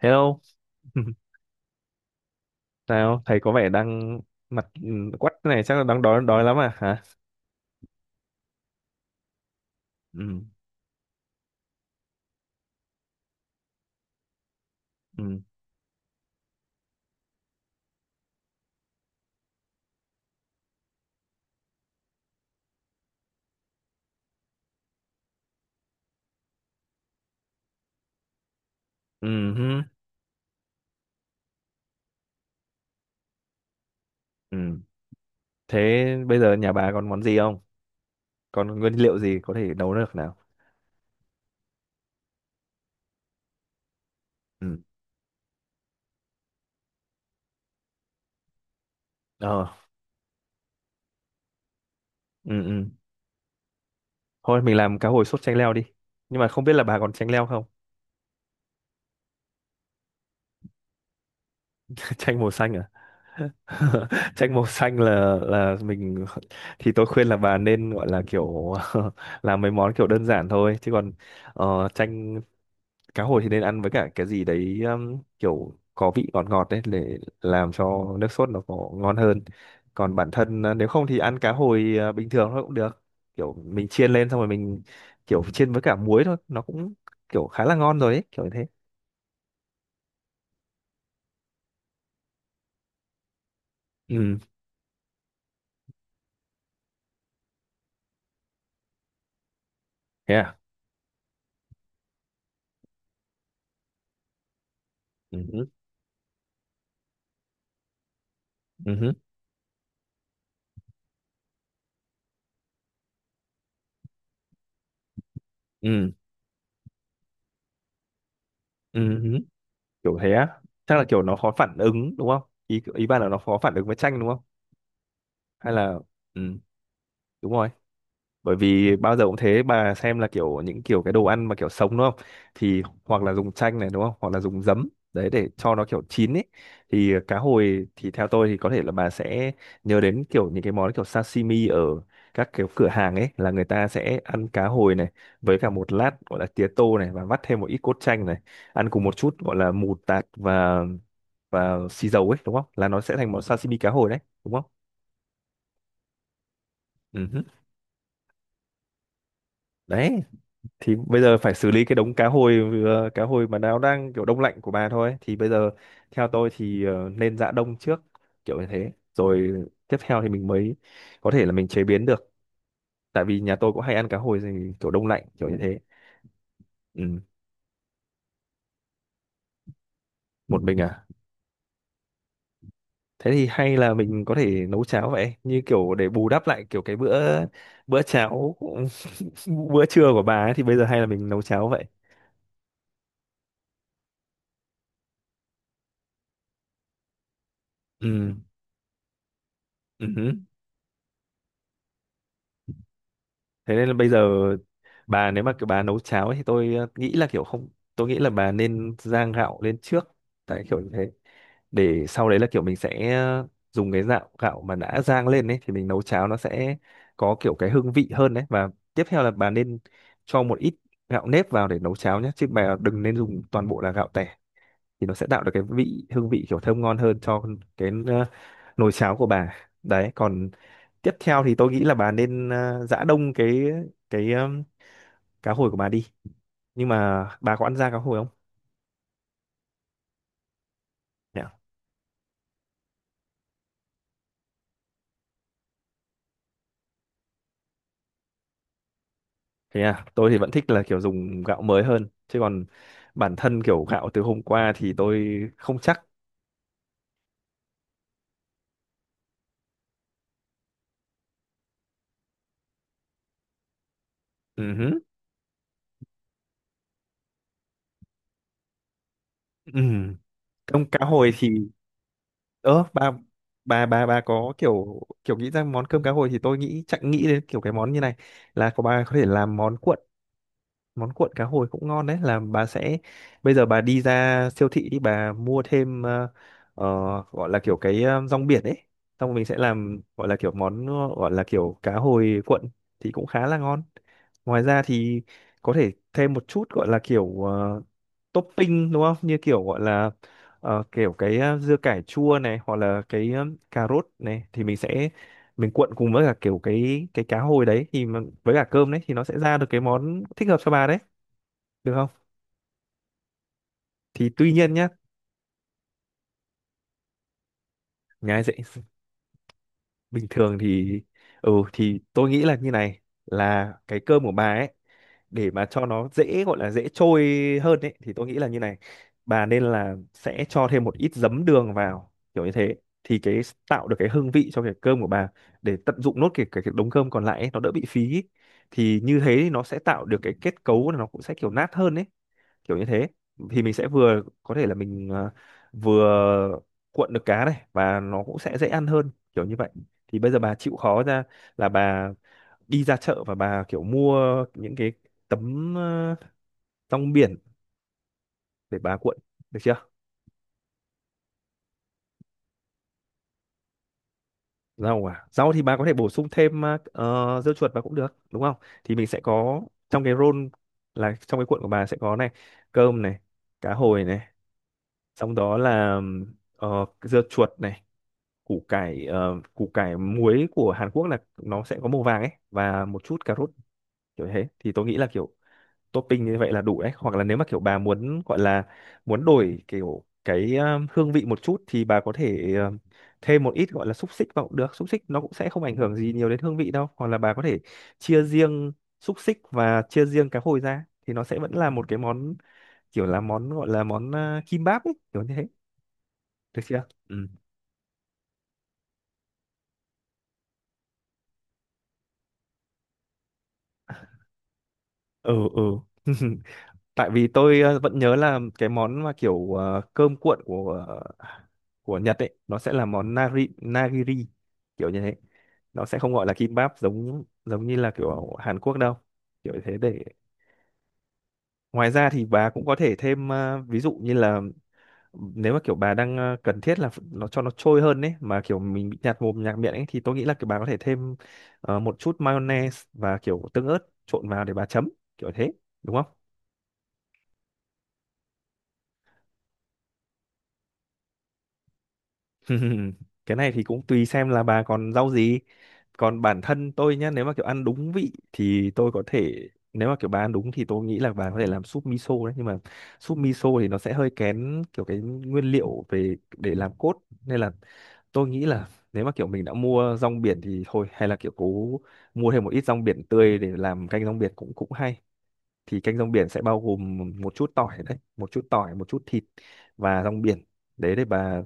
Hello, nào thầy có vẻ đang mặt quắt này chắc là đang đói đói lắm à hả? Ừ, ừ, ừ, hứ, ừ. Thế bây giờ nhà bà còn món gì không? Còn nguyên liệu gì có thể nấu được nào? Ừ, ờ, ừ, ừ. Thôi mình làm cá hồi sốt chanh leo đi. Nhưng mà không biết là bà còn chanh leo không? Chanh màu xanh à? Chanh màu xanh là mình, thì tôi khuyên là bà nên gọi là kiểu làm mấy món kiểu đơn giản thôi, chứ còn chanh cá hồi thì nên ăn với cả cái gì đấy kiểu có vị ngọt ngọt đấy để làm cho nước sốt nó có ngon hơn. Còn bản thân à, nếu không thì ăn cá hồi à, bình thường thôi cũng được, kiểu mình chiên lên xong rồi mình kiểu chiên với cả muối thôi nó cũng kiểu khá là ngon rồi ấy, kiểu như thế. Ừ, thế à. Ừ hứ, ừ hứ, ừ, ừ, kiểu thế á. Chắc là kiểu nó khó phản ứng đúng không, ý ý bạn là nó khó phản ứng với chanh đúng không, hay là, ừ, đúng rồi. Bởi vì bao giờ cũng thế, bà xem là kiểu những kiểu cái đồ ăn mà kiểu sống đúng không, thì hoặc là dùng chanh này đúng không, hoặc là dùng giấm đấy để cho nó kiểu chín ấy. Thì cá hồi thì theo tôi thì có thể là bà sẽ nhớ đến kiểu những cái món kiểu sashimi ở các kiểu cửa hàng ấy, là người ta sẽ ăn cá hồi này với cả một lát gọi là tía tô này, và vắt thêm một ít cốt chanh này, ăn cùng một chút gọi là mù tạt và xì dầu ấy, đúng không, là nó sẽ thành món sashimi cá hồi đấy, đúng không. Ừ. Hứ. Đấy thì bây giờ phải xử lý cái đống cá hồi cá hồi mà nó đang kiểu đông lạnh của bà thôi, thì bây giờ theo tôi thì nên giã đông trước, kiểu như thế rồi tiếp theo thì mình mới có thể là mình chế biến được, tại vì nhà tôi cũng hay ăn cá hồi gì kiểu đông lạnh kiểu như thế. Ừ. Một mình à? Thế thì hay là mình có thể nấu cháo vậy, như kiểu để bù đắp lại kiểu cái bữa bữa cháo, bữa trưa của bà ấy, thì bây giờ hay là mình nấu cháo vậy. Ừ. Ừ. Thế nên là bây giờ bà nếu mà kiểu bà nấu cháo ấy, thì tôi, nghĩ là kiểu không tôi nghĩ là bà nên rang gạo lên trước, tại kiểu như thế, để sau đấy là kiểu mình sẽ dùng cái gạo gạo mà đã rang lên ấy thì mình nấu cháo nó sẽ có kiểu cái hương vị hơn đấy. Và tiếp theo là bà nên cho một ít gạo nếp vào để nấu cháo nhé, chứ bà đừng nên dùng toàn bộ là gạo tẻ, thì nó sẽ tạo được cái hương vị kiểu thơm ngon hơn cho cái, nồi cháo của bà. Đấy còn tiếp theo thì tôi nghĩ là bà nên, giã đông cái cá hồi của bà đi. Nhưng mà bà có ăn da cá hồi không nhỉ? Thế à, tôi thì vẫn thích là kiểu dùng gạo mới hơn, chứ còn bản thân kiểu gạo từ hôm qua thì tôi không chắc. Ừ hứ. Ừ. Cơm cá hồi thì, ơ bà có kiểu kiểu nghĩ ra món cơm cá hồi thì tôi nghĩ, chẳng nghĩ đến kiểu cái món như này, là có, bà có thể làm món cuộn. Món cuộn cá hồi cũng ngon đấy, là bà sẽ, bây giờ bà đi ra siêu thị đi, bà mua thêm, ờ, gọi là kiểu cái, rong biển ấy, xong rồi mình sẽ làm gọi là kiểu món, gọi là kiểu cá hồi cuộn, thì cũng khá là ngon. Ngoài ra thì có thể thêm một chút gọi là kiểu, topping đúng không, như kiểu gọi là, kiểu cái, dưa cải chua này, hoặc là cái, cà rốt này, thì mình sẽ mình cuộn cùng với cả kiểu cái cá hồi đấy, với cả cơm đấy, thì nó sẽ ra được cái món thích hợp cho bà đấy, được không. Thì tuy nhiên nhá, nhà dạy bình thường thì, thì tôi nghĩ là như này, là cái cơm của bà ấy, để mà cho nó dễ, gọi là dễ trôi hơn ấy, thì tôi nghĩ là như này, bà nên là sẽ cho thêm một ít giấm đường vào kiểu như thế, thì cái, tạo được cái hương vị cho cái cơm của bà, để tận dụng nốt cái, cái đống cơm còn lại ấy, nó đỡ bị phí ấy. Thì như thế thì nó sẽ tạo được cái kết cấu là nó cũng sẽ kiểu nát hơn ấy, kiểu như thế, thì mình sẽ vừa có thể là mình, vừa cuộn được cá này, và nó cũng sẽ dễ ăn hơn kiểu như vậy. Thì bây giờ bà chịu khó ra, là bà đi ra chợ và bà kiểu mua những cái tấm, rong biển để bà cuộn, được chưa. Rau à, rau thì bà có thể bổ sung thêm, dưa chuột vào cũng được đúng không, thì mình sẽ có trong cái roll, là trong cái cuộn của bà sẽ có này, cơm này, cá hồi này, xong đó là dưa chuột này, củ cải muối của Hàn Quốc, là nó sẽ có màu vàng ấy, và một chút cà rốt, kiểu thế thì tôi nghĩ là kiểu topping như vậy là đủ đấy. Hoặc là nếu mà kiểu bà muốn gọi là muốn đổi kiểu cái, hương vị một chút, thì bà có thể, thêm một ít gọi là xúc xích vào cũng được, xúc xích nó cũng sẽ không ảnh hưởng gì nhiều đến hương vị đâu. Hoặc là bà có thể chia riêng xúc xích và chia riêng cá hồi ra, thì nó sẽ vẫn là một cái món, kiểu là món gọi là món, kimbap ấy, kiểu như thế, được chưa. Ừ, ừ, ừ. Tại vì tôi, vẫn nhớ là cái món mà kiểu, cơm cuộn của Nhật ấy, nó sẽ là món nari nagiri kiểu như thế, nó sẽ không gọi là kimbap giống giống như là kiểu ở Hàn Quốc đâu, kiểu như thế để. Ngoài ra thì bà cũng có thể thêm, ví dụ như là nếu mà kiểu bà đang, cần thiết là, nó cho nó trôi hơn ấy, mà kiểu mình bị nhạt mồm nhạt miệng ấy, thì tôi nghĩ là kiểu bà có thể thêm, một chút mayonnaise và kiểu tương ớt trộn vào để bà chấm kiểu thế, đúng không. Cái này thì cũng tùy xem là bà còn rau gì. Còn bản thân tôi nhá, nếu mà kiểu ăn đúng vị thì tôi có thể, nếu mà kiểu bà ăn đúng thì tôi nghĩ là bà có thể làm súp miso đấy, nhưng mà súp miso thì nó sẽ hơi kén kiểu cái nguyên liệu về để làm cốt, nên là tôi nghĩ là nếu mà kiểu mình đã mua rong biển thì thôi, hay là kiểu cố mua thêm một ít rong biển tươi để làm canh rong biển cũng cũng hay. Thì canh rong biển sẽ bao gồm một chút tỏi đấy, một chút tỏi, một chút thịt và rong biển đấy, để bà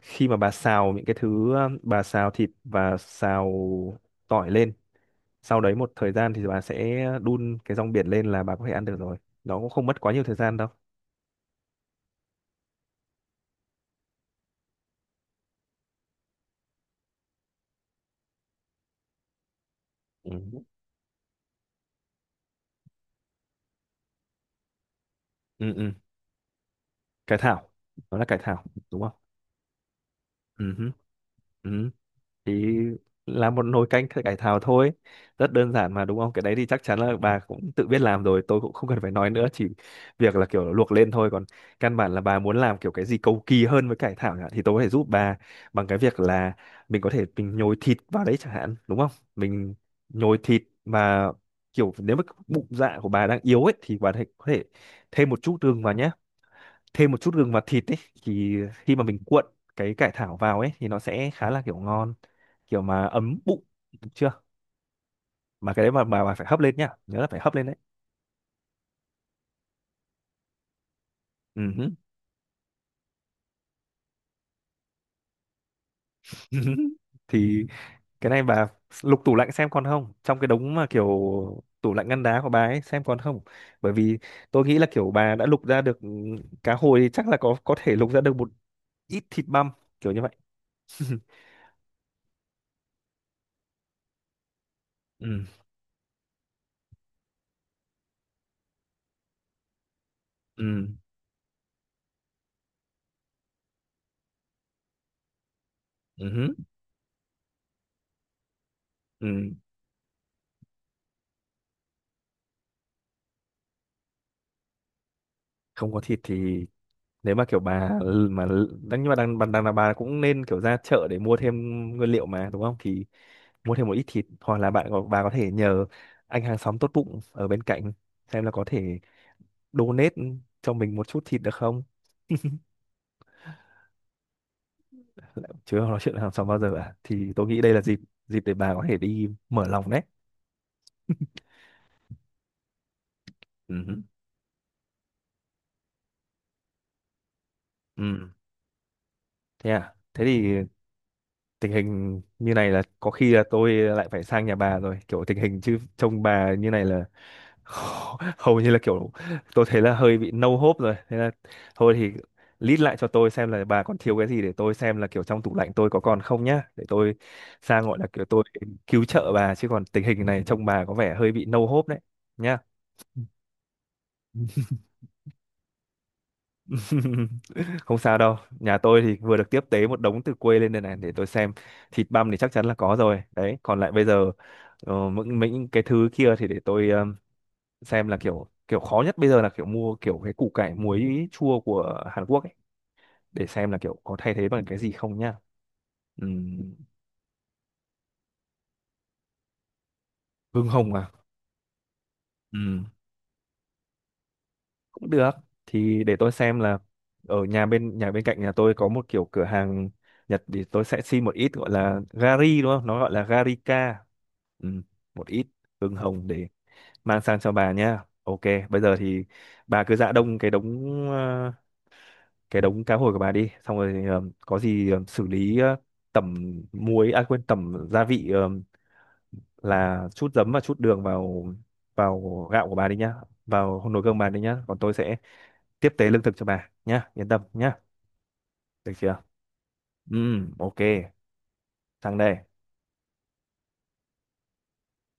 khi mà bà xào những cái thứ, bà xào thịt và xào tỏi lên, sau đấy một thời gian thì bà sẽ đun cái rong biển lên là bà có thể ăn được rồi, nó cũng không mất quá nhiều thời gian đâu. Ừ, ừ, ừ. Cải thảo, nó là cải thảo đúng không. Ừ, ừ, thì là một nồi canh cải thảo thôi, rất đơn giản mà, đúng không, cái đấy thì chắc chắn là bà cũng tự biết làm rồi, tôi cũng không cần phải nói nữa, chỉ việc là kiểu luộc lên thôi. Còn căn bản là bà muốn làm kiểu cái gì cầu kỳ hơn với cải thảo nhỉ, thì tôi có thể giúp bà bằng cái việc là mình có thể mình nhồi thịt vào đấy chẳng hạn, đúng không, mình nhồi thịt mà kiểu, nếu mà bụng dạ của bà đang yếu ấy, thì có thể thêm một chút gừng vào nhé, thêm một chút gừng vào thịt ấy, thì khi mà mình cuộn cái cải thảo vào ấy thì nó sẽ khá là kiểu ngon, kiểu mà ấm bụng, được chưa. Mà cái đấy mà bà phải hấp lên nhá, nhớ là phải hấp lên đấy. Ừ hứ. Thì cái này bà lục tủ lạnh xem còn không, trong cái đống mà kiểu tủ lạnh ngăn đá của bà ấy xem còn không, bởi vì tôi nghĩ là kiểu bà đã lục ra được, ừ, cá hồi thì chắc là có thể lục ra được một ít thịt băm kiểu như vậy. Ừ, ừ, ừ hứ, ừ. Không có thịt thì, nếu mà kiểu bà, mà đang nhưng mà đang đang, đang là bà cũng nên kiểu ra chợ để mua thêm nguyên liệu mà, đúng không, thì mua thêm một ít thịt, hoặc là bà có thể nhờ anh hàng xóm tốt bụng ở bên cạnh, xem là có thể donate cho mình một chút thịt được không. Chứ không nói chuyện hàng xóm bao giờ à, thì tôi nghĩ đây là dịp, để bà có thể đi mở lòng đấy. Ừ. Ừ. Thế à, thế thì tình hình như này là có khi là tôi lại phải sang nhà bà rồi, kiểu tình hình, chứ trông bà như này là hầu như là kiểu tôi thấy là hơi bị no hope rồi, thế là thôi thì list lại cho tôi xem là bà còn thiếu cái gì, để tôi xem là kiểu trong tủ lạnh tôi có còn không nhá, để tôi sang gọi là kiểu tôi cứu trợ bà, chứ còn tình hình này trông bà có vẻ hơi bị no hope đấy nhá. Không sao đâu, nhà tôi thì vừa được tiếp tế một đống từ quê lên đây này, để tôi xem, thịt băm thì chắc chắn là có rồi đấy, còn lại bây giờ, những cái thứ kia thì để tôi xem, là kiểu kiểu khó nhất bây giờ là kiểu mua kiểu cái củ cải muối chua của Hàn Quốc ấy, để xem là kiểu có thay thế bằng cái gì không nhá. Ừm, hương hồng à. Ừm, cũng được, thì để tôi xem là ở nhà bên cạnh nhà tôi có một kiểu cửa hàng Nhật, thì tôi sẽ xin một ít gọi là gari đúng không, nó gọi là garika, ừm, một ít hương hồng để mang sang cho bà nha, ok. Bây giờ thì bà cứ dạ đông cái đống cá hồi của bà đi, xong rồi, có gì, xử lý, tẩm muối à quên, tẩm gia vị, là chút giấm và chút đường vào vào gạo của bà đi nhá, vào nồi cơm bà đi nhá, còn tôi sẽ tiếp tế lương thực cho bà nhá, yên tâm nhá, được chưa. Ừ, ok, sang đây.